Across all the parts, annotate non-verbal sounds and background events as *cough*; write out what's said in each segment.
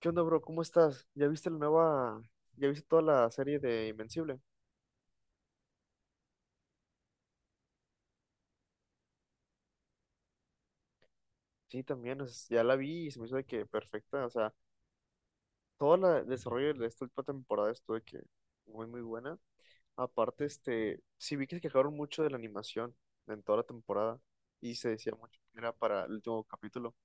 ¿Qué onda, bro? ¿Cómo estás? ¿Ya viste la nueva, ya viste toda la serie de Invencible? Sí, también, ya la vi y se me hizo de que perfecta. O sea, el desarrollo de esta última temporada estuvo de que muy, muy buena. Aparte, sí vi que se quejaron mucho de la animación en toda la temporada, y se decía mucho que era para el último capítulo.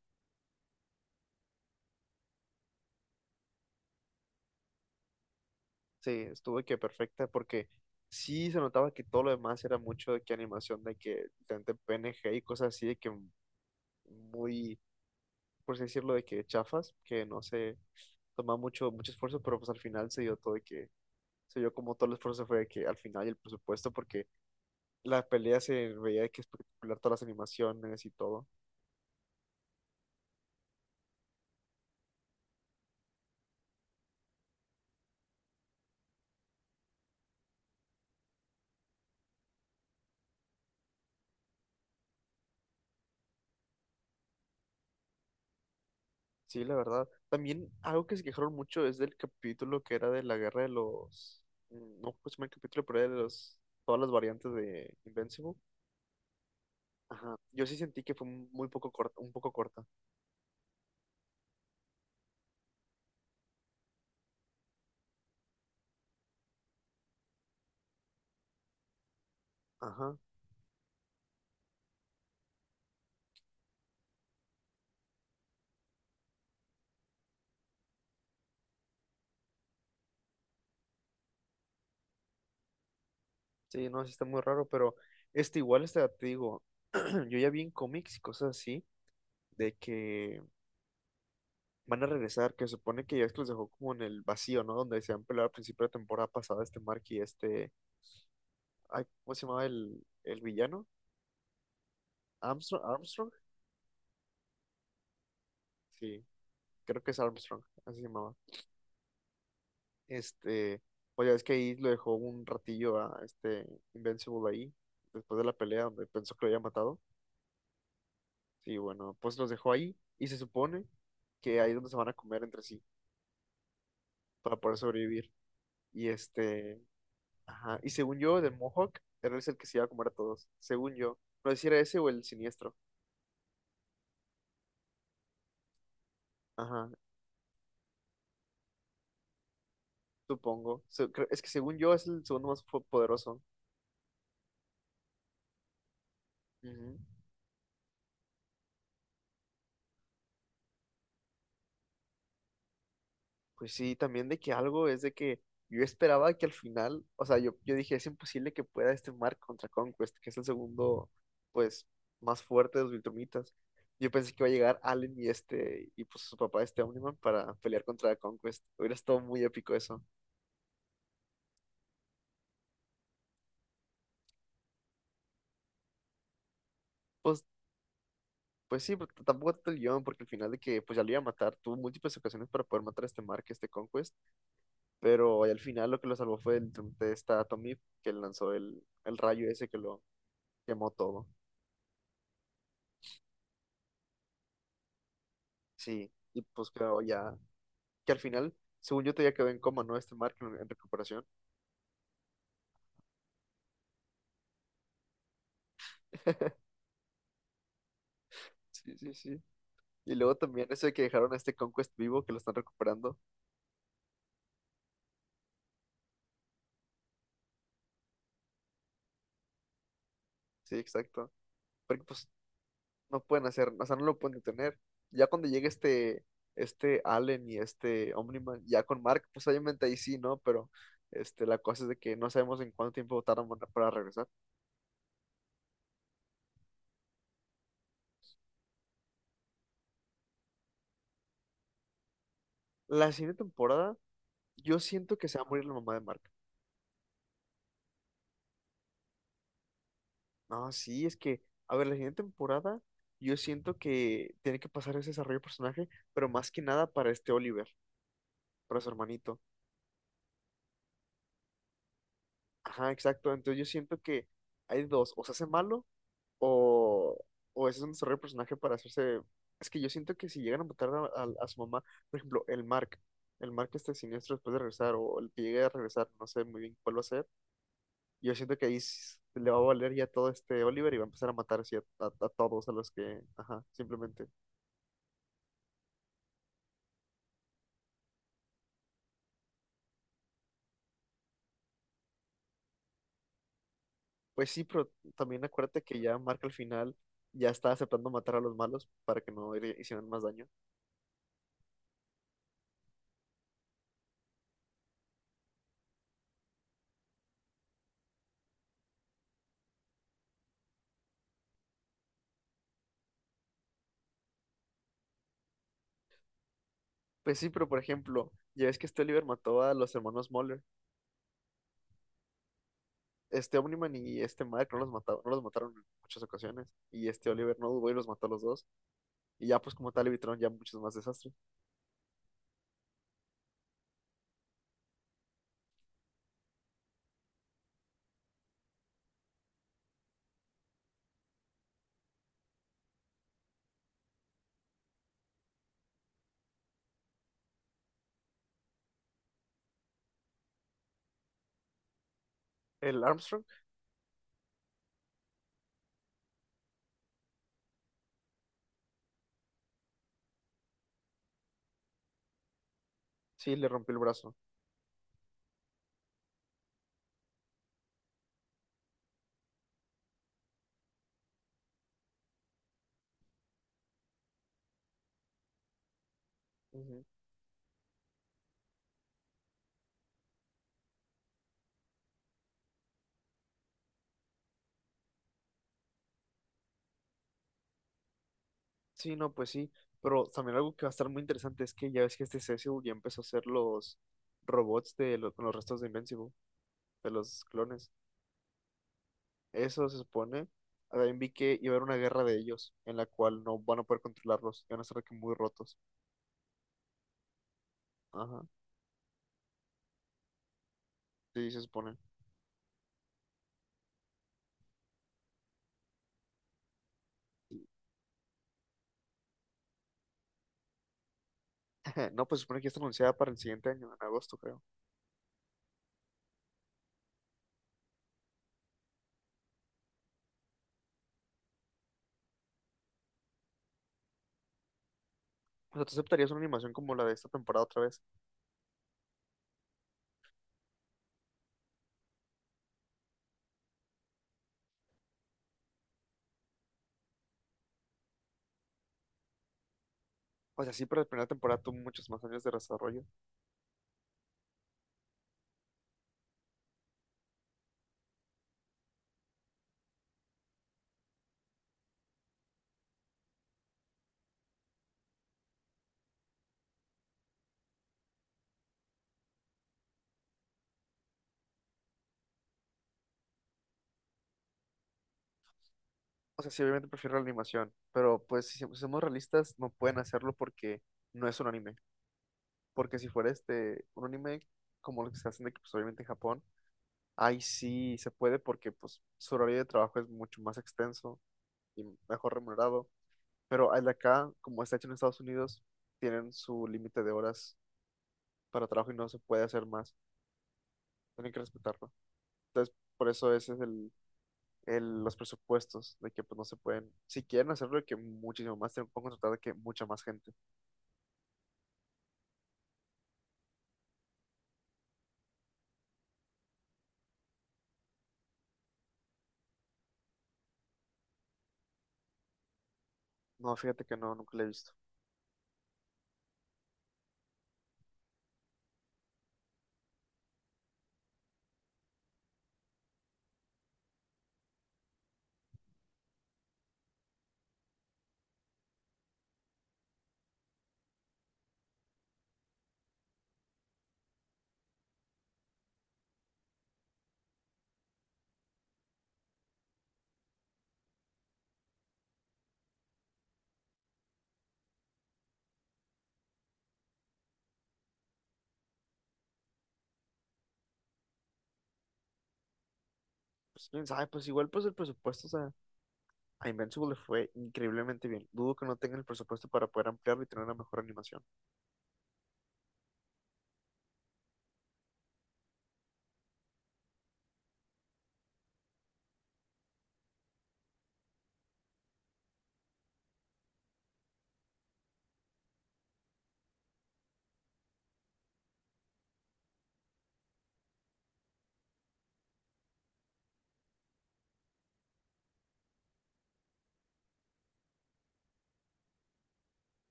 Sí, estuvo de que perfecta, porque sí se notaba que todo lo demás era mucho de que animación, de que tanto PNG y cosas así, de que muy, por así decirlo, de que chafas, que no sé, tomaba mucho esfuerzo, pero pues al final se dio todo se dio como todo el esfuerzo fue de que al final, y el presupuesto, porque la pelea se veía de que espectacular, todas las animaciones y todo. Sí, la verdad. También algo que se quejaron mucho es del capítulo que era de la guerra de los, no pues el capítulo, pero era de los, todas las variantes de Invincible. Ajá. Yo sí sentí que fue muy poco corta, un poco corta. Ajá. Sí, no, sí está muy raro, pero este igual está, te digo, *clears throat* yo ya vi en cómics y cosas así, de que van a regresar, que supone que ya es que los dejó como en el vacío, ¿no? Donde se han peleado al principio de temporada pasada este Mark y este, ay, ¿cómo se llamaba el villano? Armstrong, Armstrong, sí, creo que es Armstrong, así se llamaba. Este, pues ya es que ahí lo dejó un ratillo a este Invincible ahí, después de la pelea donde pensó que lo había matado. Sí, bueno, pues los dejó ahí y se supone que ahí es donde se van a comer entre sí para poder sobrevivir. Y este, ajá. Y según yo, del Mohawk, era ese el que se iba a comer a todos. Según yo. No sé si era ese o el siniestro. Ajá, supongo. Es que según yo es el segundo más poderoso. Ujú. Pues sí, también de que algo es de que yo esperaba que al final, o sea, yo dije, es imposible que pueda este Mark contra Conquest, que es el segundo, pues, más fuerte de los Viltrumitas. Yo pensé que iba a llegar Allen y este, y pues su papá, este Omniman, para pelear contra Conquest. Hubiera estado muy épico eso. Pues pues sí, pero tampoco tanto el guión, porque al final de que pues ya lo iba a matar, tuvo múltiples ocasiones para poder matar a este Mark, este Conquest, pero al final lo que lo salvó fue de esta Tommy, que lanzó el rayo ese que lo quemó todo. Sí, y pues quedó ya, que al final, según yo, todavía quedó en coma, ¿no? Este Mark en recuperación. *laughs* Sí, sí, sí. Y luego también eso de que dejaron a este Conquest vivo, que lo están recuperando. Sí, exacto. Porque pues no pueden hacer, o sea, no lo pueden detener. Ya cuando llegue este, este Allen y este Omniman, ya con Mark, pues obviamente ahí sí, ¿no? Pero este, la cosa es de que no sabemos en cuánto tiempo tardan para regresar. La siguiente temporada, yo siento que se va a morir la mamá de Mark. No, sí, es que, a ver, la siguiente temporada, yo siento que tiene que pasar ese desarrollo de personaje, pero más que nada para este Oliver, para su hermanito. Ajá, exacto. Entonces yo siento que hay dos, o se hace malo, O, o ese es un desarrollo de personaje para hacerse... Es que yo siento que si llegan a matar a, a su mamá, por ejemplo, el Mark este siniestro después de regresar, o el que llegue a regresar, no sé muy bien cuál va a ser, yo siento que ahí le va a valer ya todo este Oliver y va a empezar a matar así a, a todos, a los que, ajá, simplemente. Pues sí, pero también acuérdate que ya Mark al final ya está aceptando matar a los malos para que no le hicieran más daño. Pues sí, pero por ejemplo, ya ves que este Oliver mató a los hermanos Muller, este Omniman y este Mike no los mataron, no los mataron en muchas ocasiones. Y este Oliver no dudó y los mató a los dos. Y ya pues como tal evitaron ya muchos más desastres. El Armstrong, sí, le rompió el brazo. Ujú. Sí, no, pues sí. Pero también algo que va a estar muy interesante es que ya ves que este Cecil ya empezó a hacer los robots con los restos de Invincible, de los clones. Eso se supone. También vi que iba a haber una guerra de ellos, en la cual no van a poder controlarlos, y van a estar aquí muy rotos. Ajá, sí, se supone. *laughs* No, pues se supone que ya está anunciada para el siguiente año, en agosto, creo. O sea, ¿tú aceptarías una animación como la de esta temporada otra vez? O sea, sí, pero la primera temporada tuvo muchos más años de desarrollo. O sea, sí, obviamente prefiero la animación, pero pues si somos realistas, no pueden hacerlo porque no es un anime. Porque si fuera este, un anime como lo que se hacen de que, pues, obviamente en Japón, ahí sí se puede porque pues su horario de trabajo es mucho más extenso y mejor remunerado. Pero al de acá, como está hecho en Estados Unidos, tienen su límite de horas para trabajo y no se puede hacer más. Tienen que respetarlo. Entonces, por eso ese es los presupuestos, de que pues no se pueden, si quieren hacerlo, de que muchísimo más, tienen que contratar de que mucha más gente. No, fíjate que no, nunca lo he visto. Pues quién sabe, pues igual pues el presupuesto, o sea, a Invincible le fue increíblemente bien. Dudo que no tengan el presupuesto para poder ampliarlo y tener una mejor animación.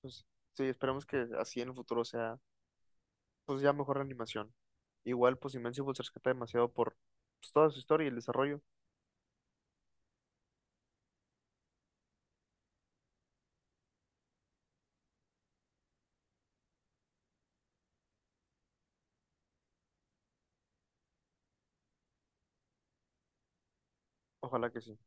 Pues sí, esperemos que así en el futuro sea, pues ya mejor animación. Igual pues Invincible se rescata demasiado por pues, toda su historia y el desarrollo. Ojalá que sí.